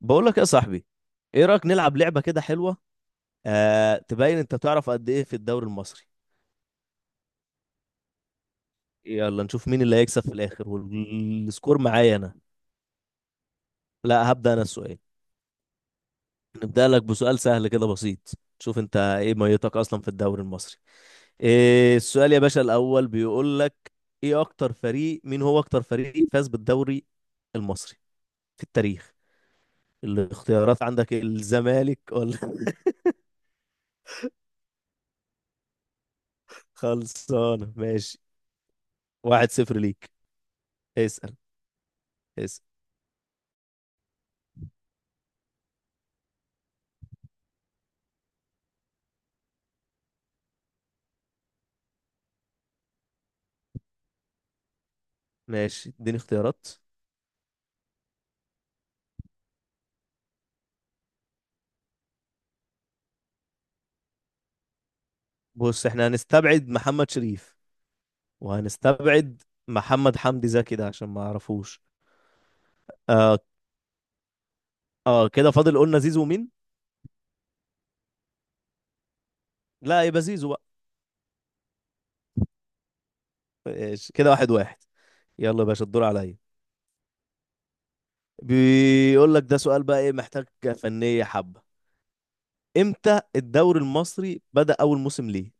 بقول لك يا صاحبي. ايه رايك نلعب لعبه كده حلوه؟ آه، تبين انت تعرف قد ايه في الدوري المصري؟ يلا نشوف مين اللي هيكسب في الاخر، والسكور معايا انا. لا، هبدا انا السؤال. نبدا لك بسؤال سهل كده بسيط. شوف انت ايه ميتك اصلا في الدوري المصري؟ إيه السؤال يا باشا الاول؟ بيقول لك: ايه اكتر فريق مين هو اكتر فريق فاز بالدوري المصري في التاريخ؟ الاختيارات عندك، الزمالك ولا... خلصانه، ماشي. 1-0 ليك. اسال، اسال. ماشي، اديني اختيارات. بص احنا هنستبعد محمد شريف، وهنستبعد محمد حمدي زكي ده عشان ما اعرفوش. اه، اه، كده فاضل، قلنا زيزو، مين؟ لا، يبقى زيزو بقى. ماشي كده، 1-1. يلا يا باشا، الدور عليا. بيقول لك ده سؤال بقى ايه، محتاج فنية حبة. امتى الدوري المصري بدأ اول موسم ليه؟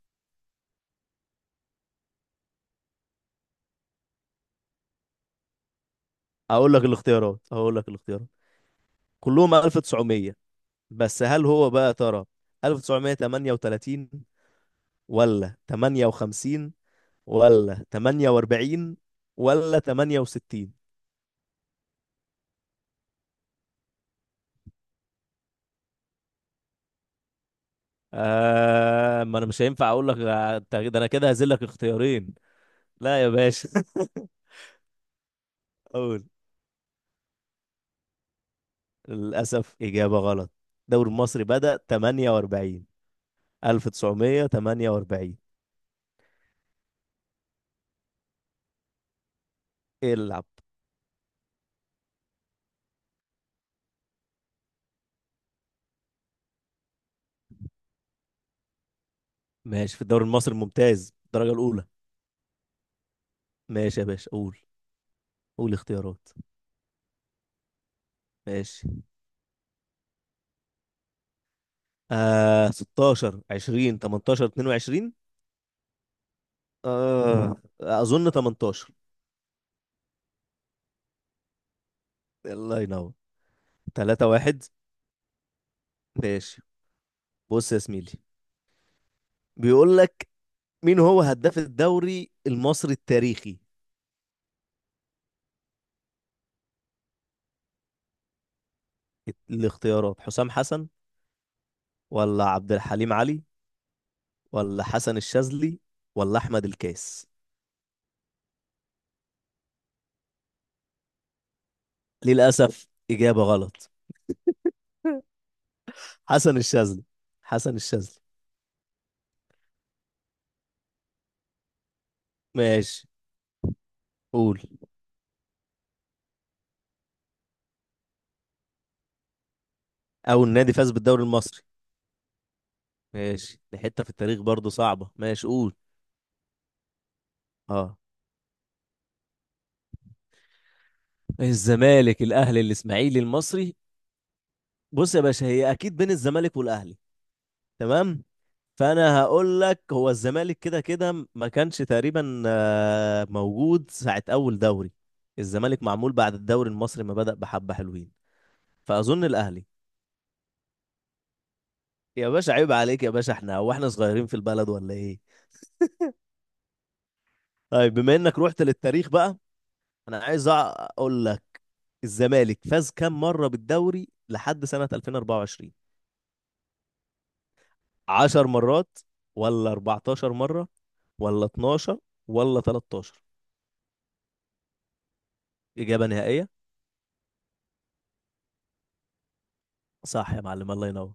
اقول لك الاختيارات، كلهم 1900، بس هل هو بقى يا ترى 1938، ولا 58، ولا 48، ولا 68؟ ما انا مش هينفع اقول لك. ده انا كده هذلك اختيارين. لا يا باشا. اقول: للاسف اجابه غلط. الدوري المصري بدأ 48، 1948. العب. ماشي، في الدوري المصري الممتاز الدرجه الاولى. ماشي يا باشا، قول. قول اختيارات. ماشي، آه، 16، 20، 18، 22. آه، اظن 18. الله ينور. 3-1. ماشي، بص يا زميلي. بيقول لك: مين هو هداف الدوري المصري التاريخي؟ الاختيارات: حسام حسن، ولا عبد الحليم علي، ولا حسن الشاذلي، ولا احمد الكاس؟ للاسف اجابه غلط. حسن الشاذلي، حسن الشاذلي. ماشي قول. اول نادي فاز بالدوري المصري؟ ماشي، دي حته في التاريخ برضه صعبه، ماشي قول. اه، الزمالك، الاهلي، الاسماعيلي، المصري. بص يا باشا، هي اكيد بين الزمالك والاهلي، تمام. فانا هقول لك هو الزمالك كده كده ما كانش تقريبا موجود ساعة اول دوري. الزمالك معمول بعد الدوري المصري ما بدأ بحبة حلوين، فاظن الاهلي. يا باشا عيب عليك يا باشا، احنا هو احنا صغيرين في البلد ولا ايه؟ طيب بما انك رحت للتاريخ بقى، انا عايز اقول لك: الزمالك فاز كام مرة بالدوري لحد سنة 2024؟ 10 مرات، ولا 14 مرة، ولا 12، ولا 13؟ إجابة نهائية؟ صح يا معلم، الله ينور.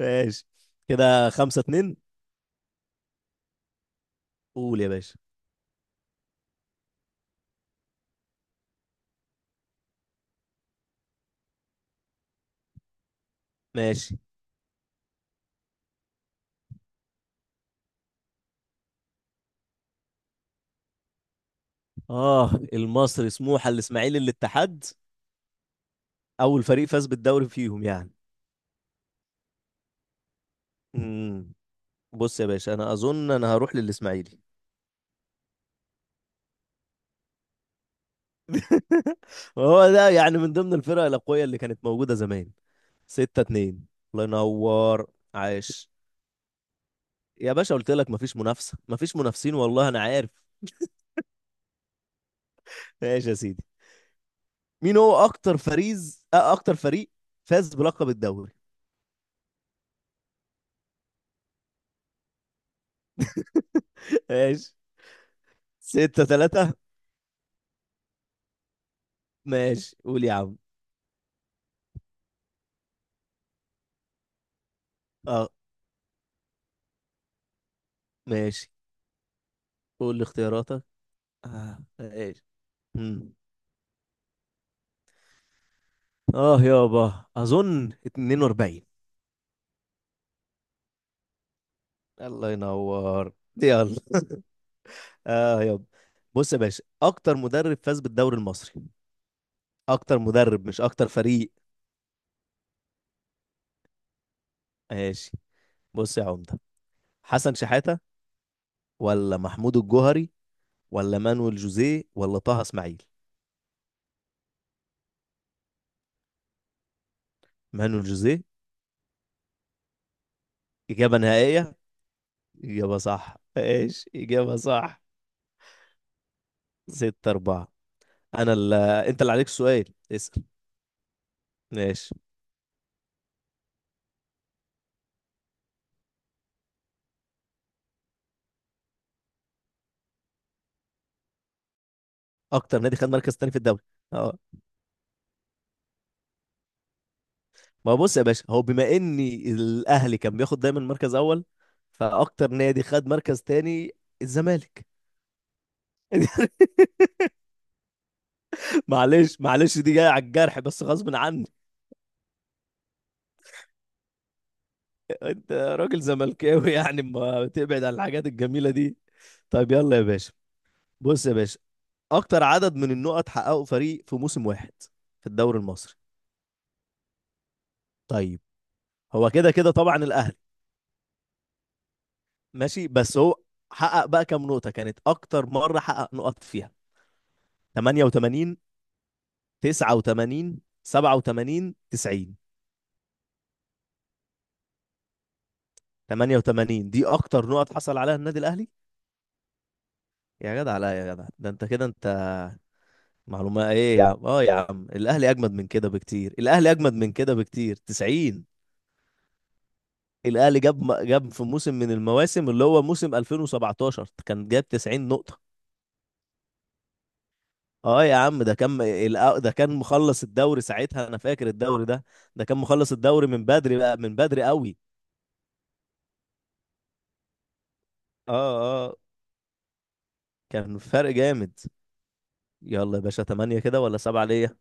ماشي كده، 5-2. قول يا باشا. ماشي، اه المصري، سموحة، الاسماعيلي، الاتحاد. اول فريق فاز بالدوري فيهم يعني؟ امم بص يا باشا، انا اظن انا هروح للاسماعيلي. هو ده يعني من ضمن الفرق الاقوية اللي كانت موجودة زمان. 6-2. الله ينور، عاش. يا باشا قلت لك مفيش منافسة، مفيش منافسين، والله انا عارف. ماشي يا سيدي. مين هو اكتر فريز أه اكتر فريق فاز بلقب الدوري؟ ماشي، 6-3. ماشي قول يا عم. اه، ماشي. قول لي اختياراتك. اه، ماشي. مم. اه يابا، اظن 42. الله ينور، يلا. اه يابا. بص يا باشا، اكتر مدرب فاز بالدوري المصري، اكتر مدرب مش اكتر فريق. ماشي، بص يا عمده. حسن شحاته، ولا محمود الجوهري، ولا مانويل جوزيه، ولا طه اسماعيل؟ مانويل جوزيه. اجابه نهائيه؟ اجابه صح، ماشي اجابه صح. 6-4. انت اللي عليك السؤال. اسال. ماشي، اكتر نادي خد مركز تاني في الدوري؟ اه، ما هو بص يا باشا، هو بما اني الاهلي كان بياخد دايما مركز اول، فاكتر نادي خد مركز تاني، الزمالك. معلش، معلش، دي جايه على الجرح بس غصب عني. انت راجل زملكاوي يعني، ما تبعد عن الحاجات الجميله دي. طيب يلا يا باشا، بص يا باشا، اكتر عدد من النقط حققه فريق في موسم واحد في الدوري المصري. طيب هو كده كده طبعا الاهلي. ماشي، بس هو حقق بقى كام نقطة كانت أكتر مرة حقق نقط فيها؟ 88، 89، 87، 90. 88 دي أكتر نقط حصل عليها النادي الأهلي. يا جدع، لا يا جدع ده أنت كده أنت معلومة إيه يا عم! أه يا عم الأهلي أجمد من كده بكتير، الأهلي أجمد من كده بكتير، 90. الأهلي جاب في موسم من المواسم اللي هو موسم 2017 كان جاب 90 نقطة. اه يا عم ده كان مخلص الدوري ساعتها، انا فاكر الدوري ده. ده كان مخلص الدوري من بدري بقى، من بدري قوي. اه، اه، كان فرق جامد. يلا يا باشا، تمانية كده ولا سبعة ليا؟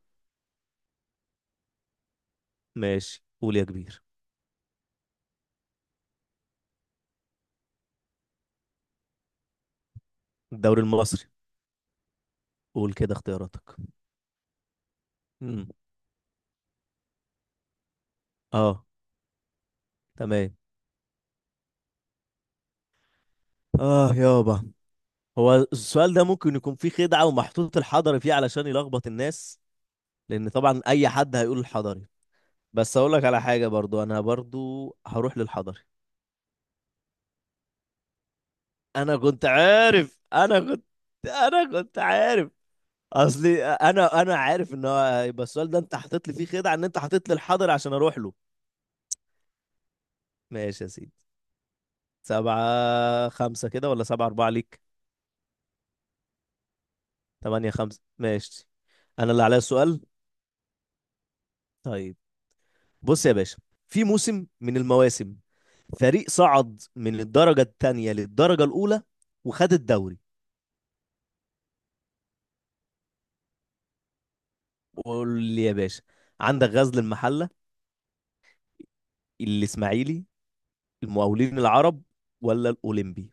ماشي قول يا كبير. الدوري المصري. قول كده اختياراتك. امم، اه، تمام. اه يابا، هو السؤال ده ممكن يكون فيه خدعة ومحطوط الحضري فيه علشان يلخبط الناس. لان طبعا اي حد هيقول الحضري. بس اقول لك على حاجة، برضو انا برضو هروح للحضري. انا كنت عارف، انا كنت عارف. اصلي انا عارف ان هو هيبقى السؤال ده، انت حاطط لي فيه خدعه، ان انت حاطط لي الحاضر عشان اروح له. ماشي يا سيدي. 7-5 كده، ولا 7-4 ليك؟ 8-5، ماشي. أنا اللي عليا السؤال. طيب، بص يا باشا، في موسم من المواسم فريق صعد من الدرجة التانية للدرجة الأولى وخد الدوري. قول لي يا باشا. عندك غزل المحلة، الإسماعيلي، المقاولين العرب، ولا الأولمبي؟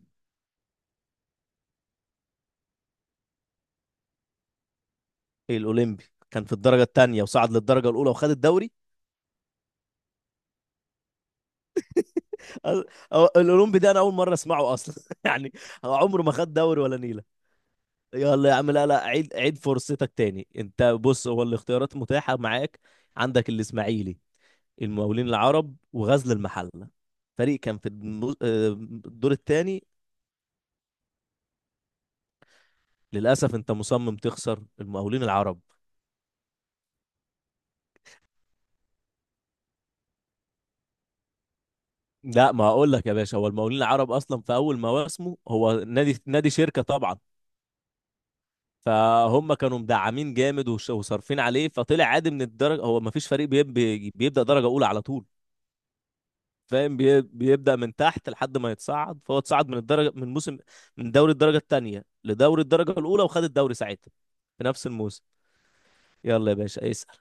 الاولمبي كان في الدرجه الثانيه وصعد للدرجه الاولى وخد الدوري. أ- الاولمبي ده انا اول مره اسمعه اصلا. يعني هو عمره ما خد دوري ولا نيله. يلا يا عم، لا، لا، عيد عيد فرصتك تاني انت. بص هو الاختيارات متاحه معاك. عندك الاسماعيلي، المقاولين العرب، وغزل المحله. فريق كان في الدور الثاني. للاسف انت مصمم تخسر، المقاولين العرب. لا، ما اقول لك يا باشا، هو المقاولين العرب اصلا في اول مواسمه، هو نادي نادي شركه طبعا. فهم كانوا مدعمين جامد وصارفين عليه، فطلع عادي من الدرجه. هو ما فيش فريق بيبدا درجه اولى على طول. فاهم، بيبدا من تحت لحد ما يتصعد. فهو اتصعد من الدرجه، من موسم، من دوري الدرجه الثانيه لدوري الدرجه الاولى، وخد الدوري ساعتها في نفس الموسم. يلا يا باشا اسال.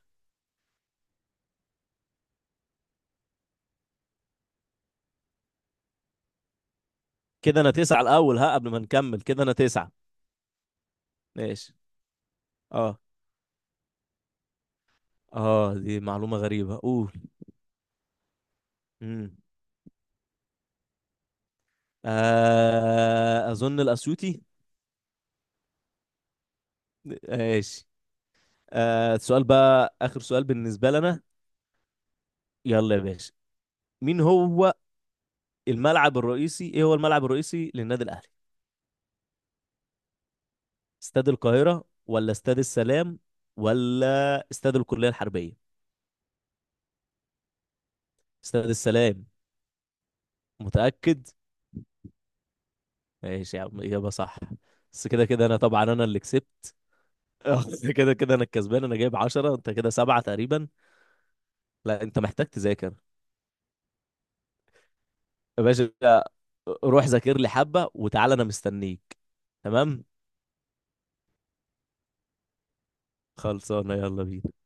كده انا تسعه الاول، ها، قبل ما نكمل، كده انا تسعه. ماشي، اه، اه، دي معلومه غريبه، قول. امم اظن الاسيوطي. ماشي، سؤال بقى اخر سؤال بالنسبه لنا. يلا يا باشا. مين هو الملعب الرئيسي ايه هو الملعب الرئيسي للنادي الاهلي؟ استاد القاهرة، ولا استاد السلام، ولا استاد الكلية الحربية؟ استاد السلام. متأكد؟ ماشي يا عم، إجابة صح. بس كده كده انا طبعا انا اللي كسبت. آه، كده كده انا الكسبان، انا جايب 10، انت كده سبعة تقريبا. لا، انت محتاج تذاكر. يا باشا، روح ذاكر لي حبة وتعالى، انا مستنيك. تمام، خلصانة، يلا بينا.